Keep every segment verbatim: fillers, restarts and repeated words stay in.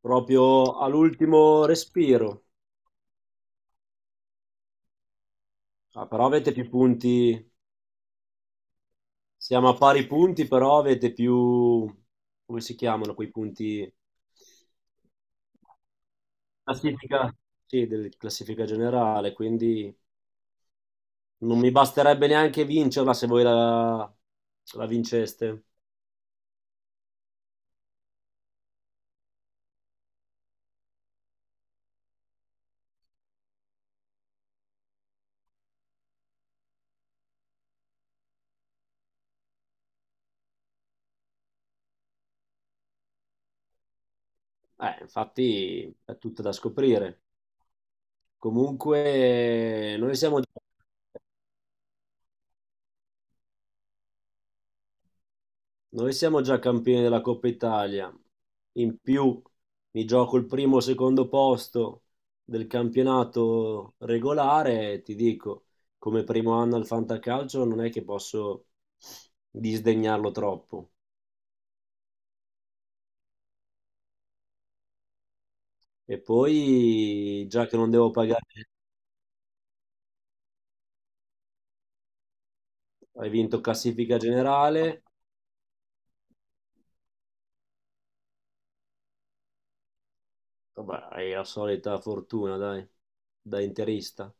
Proprio all'ultimo respiro. Ah, però avete più punti, siamo a pari punti, però avete più, come si chiamano quei punti? Classifica. Sì, della classifica generale, quindi non mi basterebbe neanche vincerla se voi la, la vinceste. Eh, infatti è tutto da scoprire. Comunque, noi siamo... Noi siamo già campioni della Coppa Italia, in più mi gioco il primo o secondo posto del campionato regolare e ti dico, come primo anno al Fantacalcio non è che posso disdegnarlo troppo. E poi, già che non devo pagare, hai vinto classifica generale, vabbè, hai la solita fortuna, dai, da interista.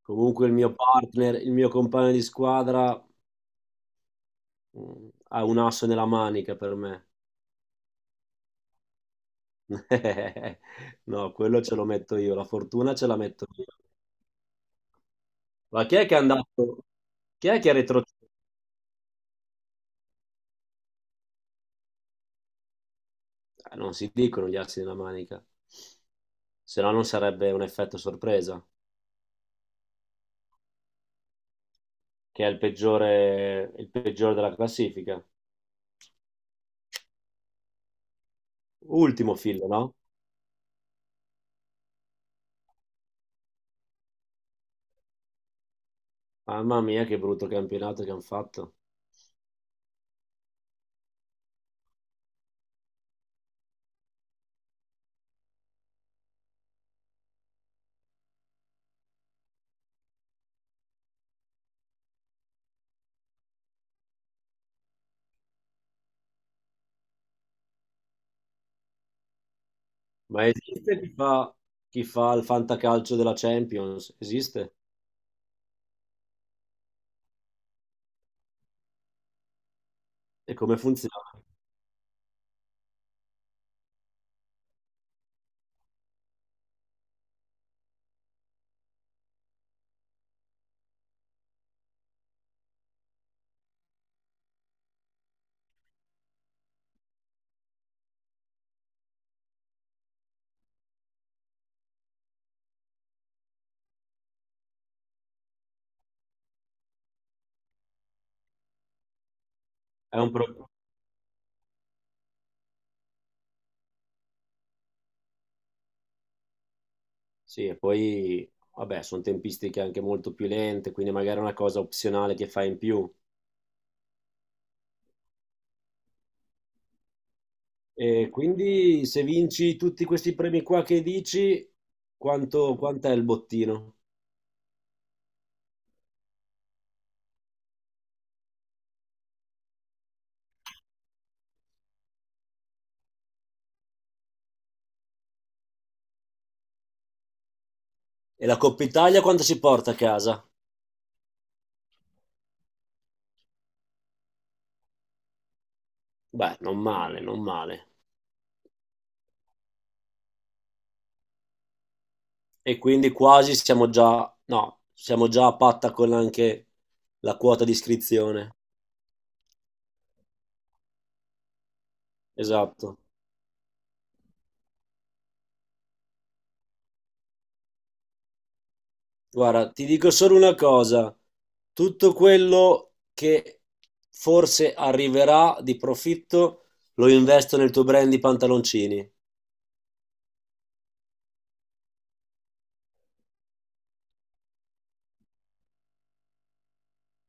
Comunque il mio partner, il mio compagno di squadra mh, ha un asso nella manica per me. No, quello ce lo metto io, la fortuna ce la metto io. Ma chi è che è andato? Chi è che è retroceduto? Eh, non si dicono gli assi della manica, se no non sarebbe un effetto sorpresa, che è il peggiore, il peggiore della classifica. Ultimo filo, no? Mamma mia, che brutto campionato che hanno fatto. Ma esiste chi fa, chi fa il fantacalcio della Champions? Esiste? E come funziona? È un, pro- Sì, e poi, vabbè, sono tempistiche anche molto più lente, quindi magari è una cosa opzionale che fai in più. E quindi se vinci tutti questi premi qua che dici, quanto, quant'è il bottino? E la Coppa Italia quanto si porta a casa? Beh, non male, non male. E quindi quasi siamo già, no, siamo già a patta con anche la quota di iscrizione. Esatto. Guarda, ti dico solo una cosa, tutto quello che forse arriverà di profitto lo investo nel tuo brand di pantaloncini.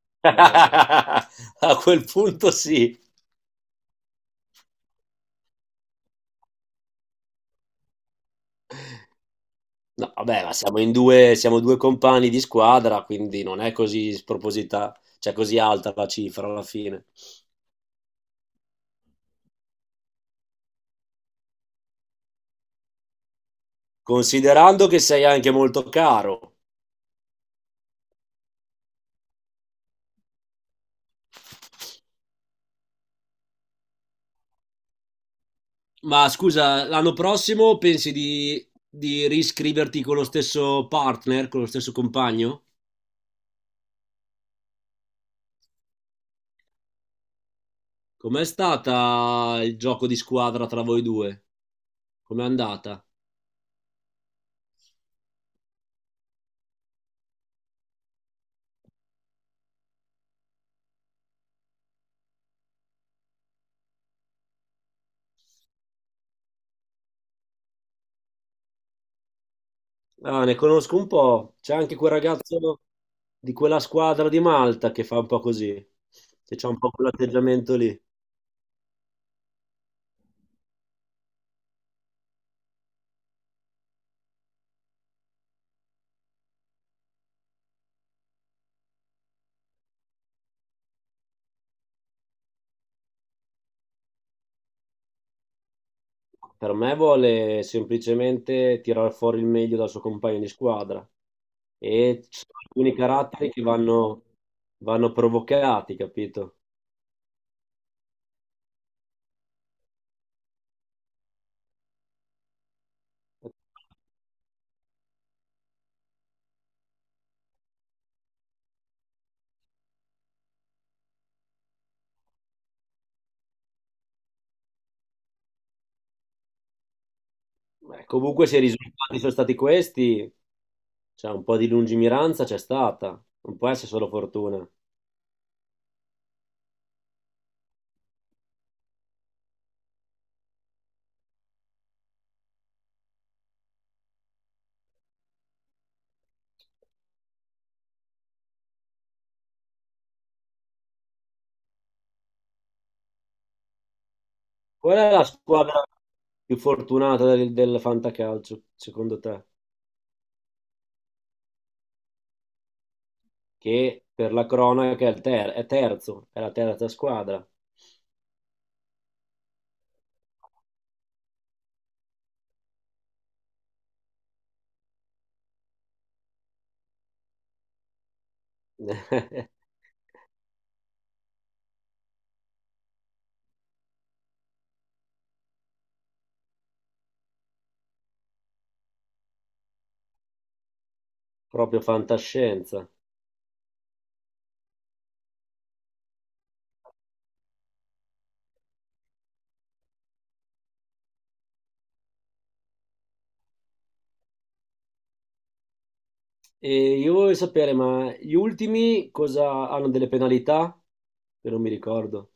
A quel punto sì. No, vabbè, ma siamo in due, siamo due compagni di squadra, quindi non è così sproposita, cioè così alta la cifra alla fine. Considerando che sei anche molto caro. Ma scusa, l'anno prossimo pensi di, di riscriverti con lo stesso partner, con lo stesso compagno? Com'è stata il gioco di squadra tra voi due? Com'è andata? Ah, ne conosco un po'. C'è anche quel ragazzo di quella squadra di Malta che fa un po' così, che c'ha un po' quell'atteggiamento lì. Per me vuole semplicemente tirar fuori il meglio dal suo compagno di squadra. E ci sono alcuni caratteri che vanno, vanno provocati, capito? Beh, comunque se i risultati sono stati questi, cioè un po' di lungimiranza c'è stata, non può essere solo fortuna. Qual è la squadra più fortunata del, del fantacalcio, secondo te? Che per la cronaca è, il ter- è terzo, è la terza squadra. Proprio fantascienza. E io voglio sapere, ma gli ultimi cosa hanno delle penalità? Che non mi ricordo.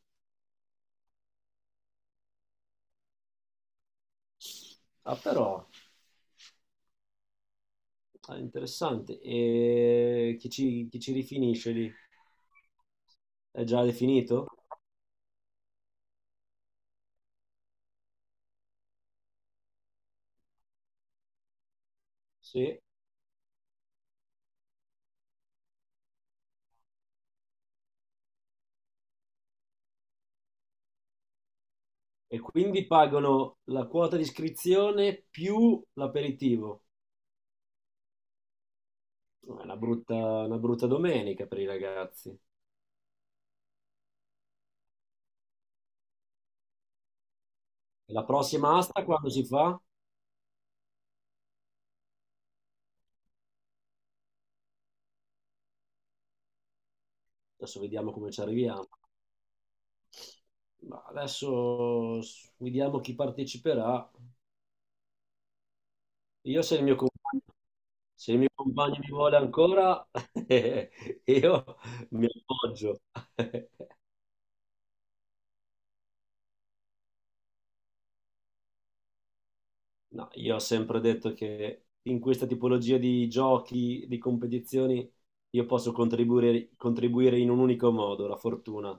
Ah, però. Ah, interessante. E chi ci, chi ci rifinisce lì? È già definito? Sì. E quindi pagano la quota di iscrizione più l'aperitivo. È una brutta, una brutta domenica per i ragazzi. E la prossima asta quando si fa? Adesso vediamo come ci arriviamo. Ma adesso s- vediamo chi parteciperà. Io se il mio, com- Se il mio compagno mi vuole ancora, io mi appoggio. No, io ho sempre detto che in questa tipologia di giochi, di competizioni, io posso contribuire, contribuire in un unico modo, la fortuna.